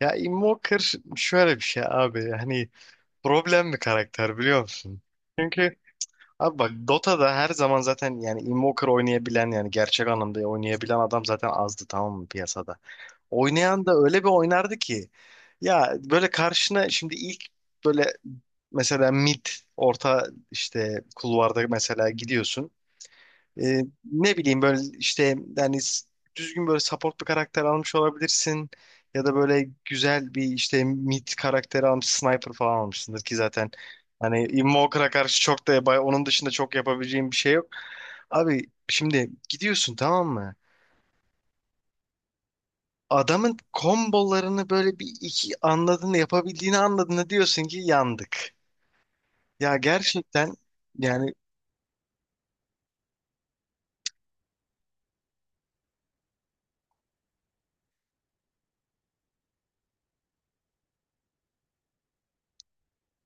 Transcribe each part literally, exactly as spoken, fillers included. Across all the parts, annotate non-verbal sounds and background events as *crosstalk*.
Ya Invoker şöyle bir şey abi. Hani problem bir karakter biliyor musun? Çünkü abi bak Dota'da her zaman zaten yani Invoker oynayabilen yani gerçek anlamda oynayabilen adam zaten azdı tamam mı piyasada. Oynayan da öyle bir oynardı ki ya böyle karşına şimdi ilk böyle mesela mid orta işte kulvarda mesela gidiyorsun. Ee, ne bileyim böyle işte yani s- düzgün böyle support bir karakter almış olabilirsin ya da böyle güzel bir işte mid karakteri almış sniper falan almışsındır ki zaten hani Invoker'a karşı çok da bay- onun dışında çok yapabileceğim bir şey yok. Abi şimdi gidiyorsun tamam mı? Adamın kombolarını böyle bir iki anladın yapabildiğini anladığında diyorsun ki yandık. Ya gerçekten yani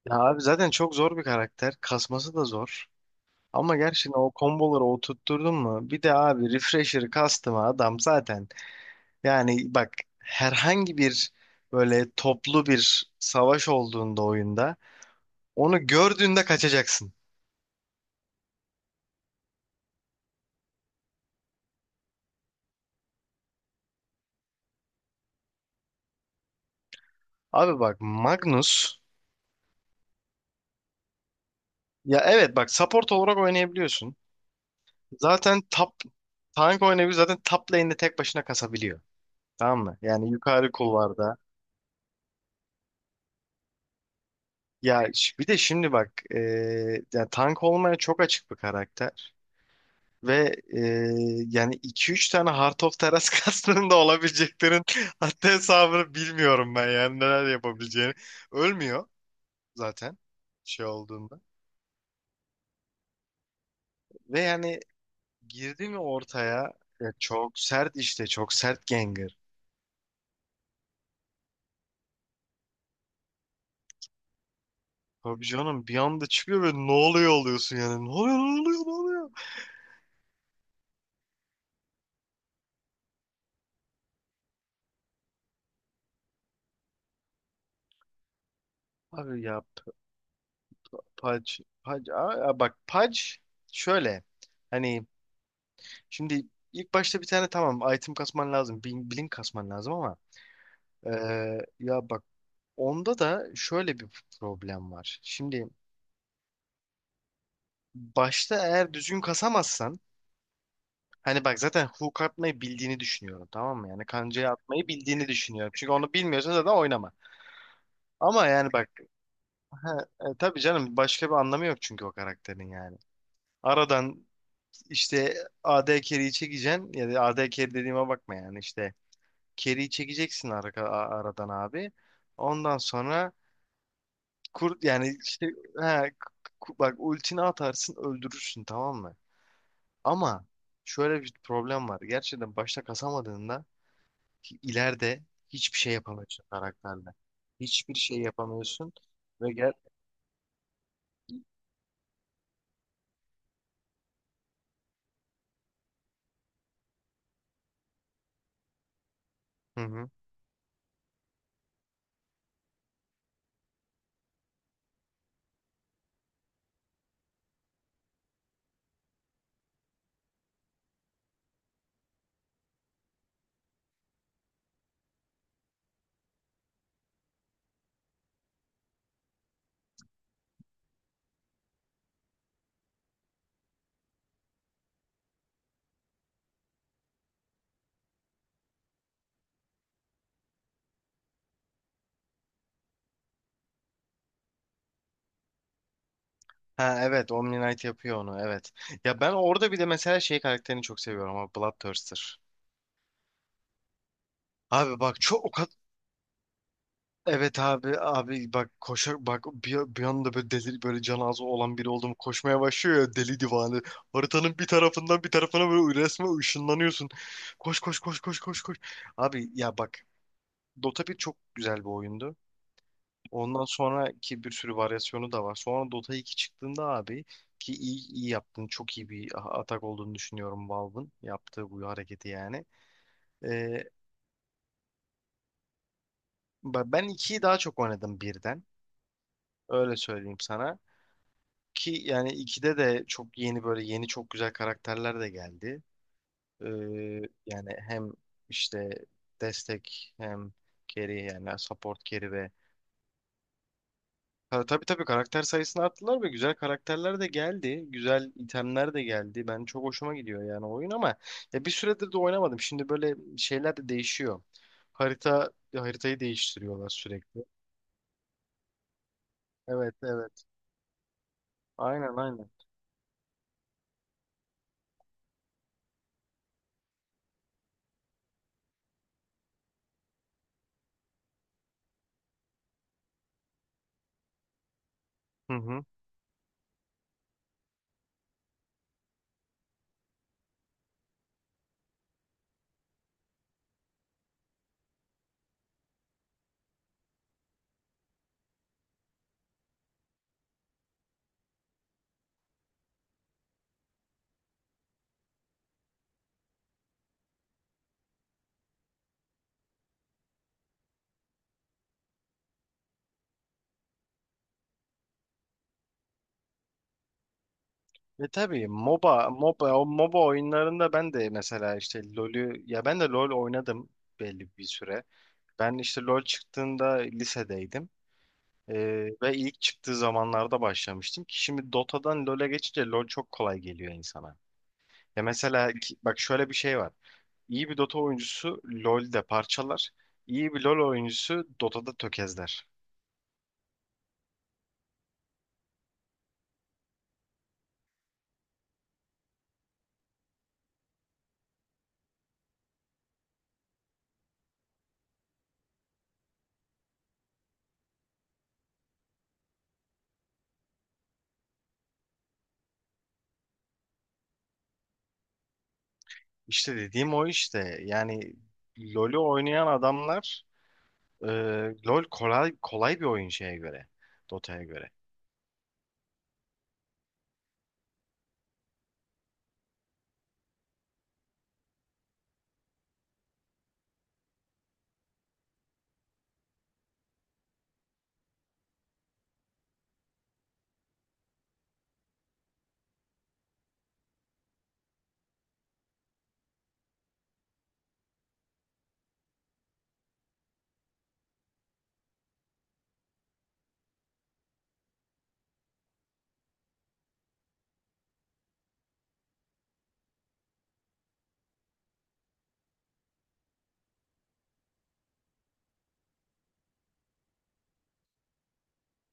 ya abi zaten çok zor bir karakter. Kasması da zor. Ama gerçekten o komboları oturtturdun mu? Bir de abi refresher'ı kastım adam zaten. Yani bak herhangi bir böyle toplu bir savaş olduğunda oyunda onu gördüğünde kaçacaksın. Abi bak Magnus ya evet bak support olarak oynayabiliyorsun. Zaten top tank oynayabiliyor zaten top lane'de tek başına kasabiliyor. Tamam mı? Yani yukarı kulvarda. Ya ş- bir de şimdi bak e, ya tank olmaya çok açık bir karakter. Ve e, yani iki üç tane Heart of Teras kastının *laughs* da olabileceklerin hatta hesabını bilmiyorum ben yani neler yapabileceğini. Ölmüyor zaten şey olduğunda. Ve yani girdi mi ortaya e, çok sert işte çok sert Gengar. Abi canım bir anda çıkıyor ve ne oluyor oluyorsun yani ne oluyor ne oluyor ne oluyor. Abi ya P- Pudge, Pudge aa, aa, bak Pudge şöyle hani şimdi ilk başta bir tane tamam item kasman lazım blink, blink kasman lazım ama Ee, ya bak onda da şöyle bir problem var. Şimdi başta eğer düzgün kasamazsan hani bak zaten hook atmayı bildiğini düşünüyorum tamam mı? Yani kancayı atmayı bildiğini düşünüyorum. Çünkü onu bilmiyorsan zaten oynama. Ama yani bak he, e, tabii canım başka bir anlamı yok çünkü o karakterin yani. Aradan işte A D carry'i çekeceksin ya da A D carry dediğime bakma yani işte carry'i çekeceksin ara, a- aradan abi. Ondan sonra Kur, yani işte he, ku- bak ultini atarsın öldürürsün tamam mı? Ama şöyle bir problem var. Gerçekten başta kasamadığında ki ileride hiçbir şey yapamıyorsun karakterle. Hiçbir şey yapamıyorsun ve gel. Hı hı. Ha evet Omni Knight yapıyor onu evet. Ya ben orada bir de mesela şey karakterini çok seviyorum ama Bloodthirster. Abi bak çok. Evet abi abi bak koşar bak bir, bir anda böyle deli böyle can ağzı olan biri oldum koşmaya başlıyor ya deli divane. Haritanın bir tarafından bir tarafına böyle resmen ışınlanıyorsun. Koş koş koş koş koş koş. Abi ya bak Dota bir çok güzel bir oyundu. Ondan sonraki bir sürü varyasyonu da var. Sonra Dota iki çıktığında abi ki iyi, iyi yaptın. Çok iyi bir a- atak olduğunu düşünüyorum Valve'ın yaptığı bu hareketi yani. Ee, ba- ben ikiyi daha çok oynadım birden. Öyle söyleyeyim sana. Ki yani ikide de çok yeni böyle yeni çok güzel karakterler de geldi. Ee, yani hem işte destek hem carry yani support carry ve. Ha, tabii tabii karakter sayısını arttırdılar ve güzel karakterler de geldi. Güzel itemler de geldi. Ben çok hoşuma gidiyor yani oyun ama ya bir süredir de oynamadım. Şimdi böyle şeyler de değişiyor. Harita haritayı değiştiriyorlar sürekli. Evet evet. Aynen aynen. Hı hı. Ve tabii MOBA, MOBA, o MOBA oyunlarında ben de mesela işte LoL'ü, ya ben de LoL oynadım belli bir süre. Ben işte LoL çıktığında lisedeydim. Ee, ve ilk çıktığı zamanlarda başlamıştım ki şimdi Dota'dan LoL'e geçince LoL çok kolay geliyor insana. Ya mesela ki- bak şöyle bir şey var. İyi bir Dota oyuncusu LoL'de parçalar, iyi bir LoL oyuncusu Dota'da tökezler. İşte dediğim o işte. Yani LoL'ü oynayan adamlar. Ee, LoL kolay kolay bir oyun şeye göre. Dota'ya göre.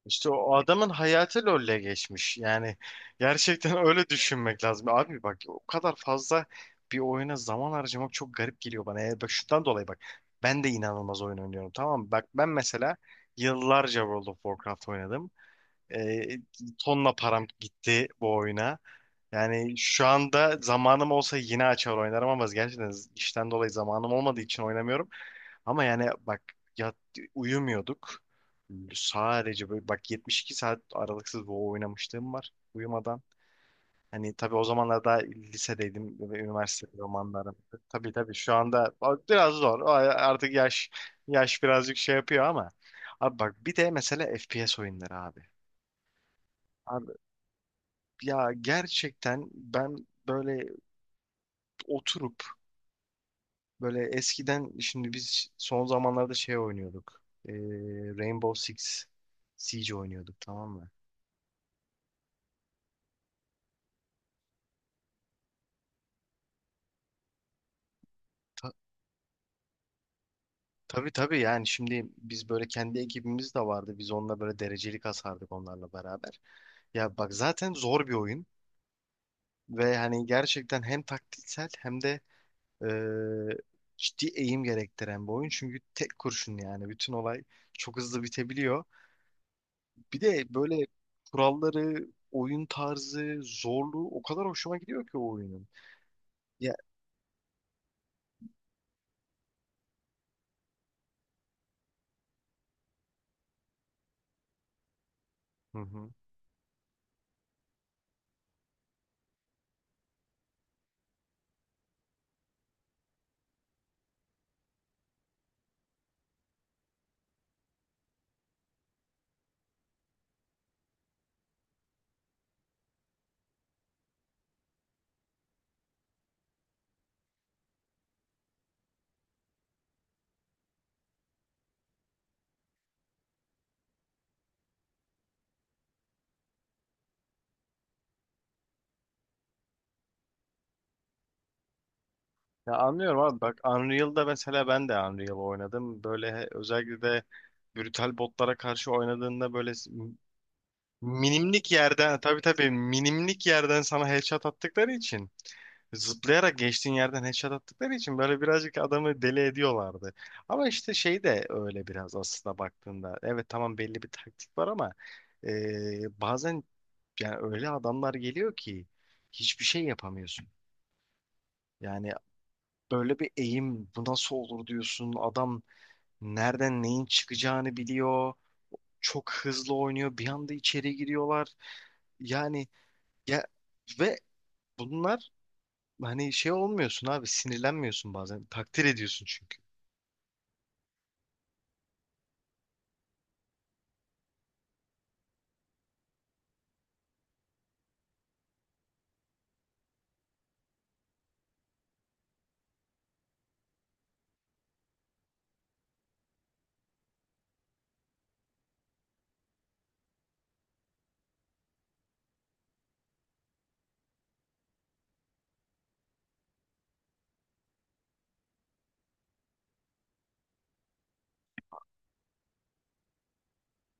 İşte o adamın hayatı LoL'le geçmiş. Yani gerçekten *laughs* öyle düşünmek lazım. Abi bak o kadar fazla bir oyuna zaman harcamak çok garip geliyor bana. Yani bak şundan dolayı bak. Ben de inanılmaz oyun oynuyorum tamam mı? Bak ben mesela yıllarca World of Warcraft oynadım. Ee, tonla param gitti bu oyuna. Yani şu anda zamanım olsa yine açar oynarım ama gerçekten işten dolayı zamanım olmadığı için oynamıyorum. Ama yani bak yat, uyumuyorduk. Sadece böyle bak yetmiş iki saat aralıksız WoW oynamışlığım var uyumadan. Hani tabii o zamanlar daha lisedeydim ve üniversite romanlarım. Tabii tabii şu anda biraz zor. O artık yaş yaş birazcık şey yapıyor ama. Abi bak bir de mesela F P S oyunları abi. Abi ya gerçekten ben böyle oturup böyle eskiden şimdi biz son zamanlarda şey oynuyorduk. Ee, Rainbow Six Siege oynuyorduk tamam mı? Ta tabii tabii yani şimdi biz böyle kendi ekibimiz de vardı. Biz onunla böyle derecelik kasardık onlarla beraber. Ya bak zaten zor bir oyun ve hani gerçekten hem taktiksel hem de e, ciddi eğim gerektiren bir oyun. Çünkü tek kurşun yani bütün olay çok hızlı bitebiliyor. Bir de böyle kuralları, oyun tarzı, zorluğu o kadar hoşuma gidiyor ki o oyunun. Ya, hı hı. Ya anlıyorum abi bak Unreal'da mesela ben de Unreal oynadım. Böyle özellikle de brutal botlara karşı oynadığında böyle minimlik yerden tabii tabii minimlik yerden sana headshot attıkları için zıplayarak geçtiğin yerden headshot attıkları için böyle birazcık adamı deli ediyorlardı. Ama işte şey de öyle biraz aslında baktığında. Evet tamam belli bir taktik var ama e, bazen yani öyle adamlar geliyor ki hiçbir şey yapamıyorsun. Yani böyle bir eğim bu nasıl olur diyorsun. Adam nereden neyin çıkacağını biliyor. Çok hızlı oynuyor. Bir anda içeri giriyorlar. Yani ya ve bunlar hani şey olmuyorsun abi sinirlenmiyorsun bazen. Takdir ediyorsun çünkü.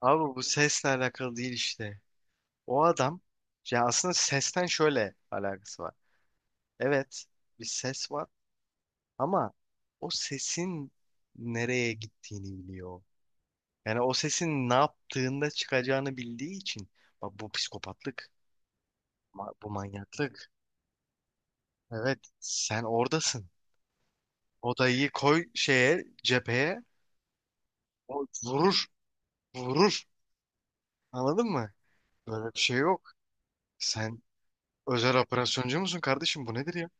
Abi bu sesle alakalı değil işte. O adam ya aslında sesten şöyle alakası var. Evet bir ses var ama o sesin nereye gittiğini biliyor. Yani o sesin ne yaptığında çıkacağını bildiği için bak bu psikopatlık, ma- bu manyaklık. Evet sen oradasın. Odayı koy şeye cepheye o vurur vurur. Anladın mı? Böyle bir şey yok. Sen özel operasyoncu musun kardeşim? Bu nedir ya?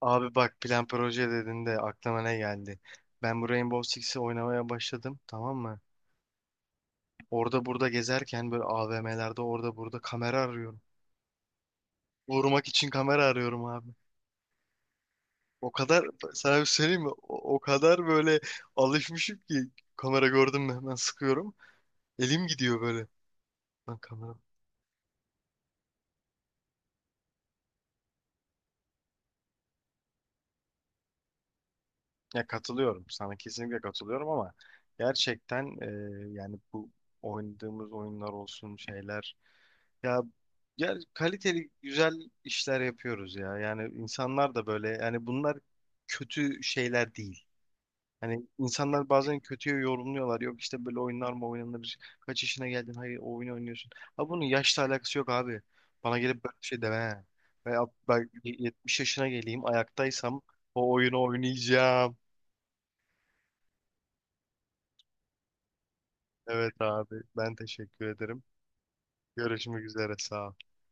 Abi bak plan proje dediğinde aklıma ne geldi? Ben bu Rainbow Six'i oynamaya başladım tamam mı? Orada burada gezerken böyle A V M'lerde orada burada kamera arıyorum. Vurmak için kamera arıyorum abi. O kadar sana bir şey söyleyeyim mi? O, o kadar böyle alışmışım ki kamera gördüm mü hemen sıkıyorum. Elim gidiyor böyle. Lan kamera. Ya katılıyorum sana kesinlikle katılıyorum ama gerçekten e, yani bu oynadığımız oyunlar olsun şeyler ya ya kaliteli güzel işler yapıyoruz ya yani insanlar da böyle yani bunlar kötü şeyler değil. Hani insanlar bazen kötüye yorumluyorlar. Yok işte böyle oyunlar mı oynanır? Kaç yaşına geldin? Hayır o oyunu oynuyorsun. Ha bunun yaşla alakası yok abi. Bana gelip böyle bir şey deme. Veya ben yetmiş yaşına geleyim ayaktaysam o oyunu oynayacağım. Evet abi ben teşekkür ederim. Görüşmek üzere sağ ol.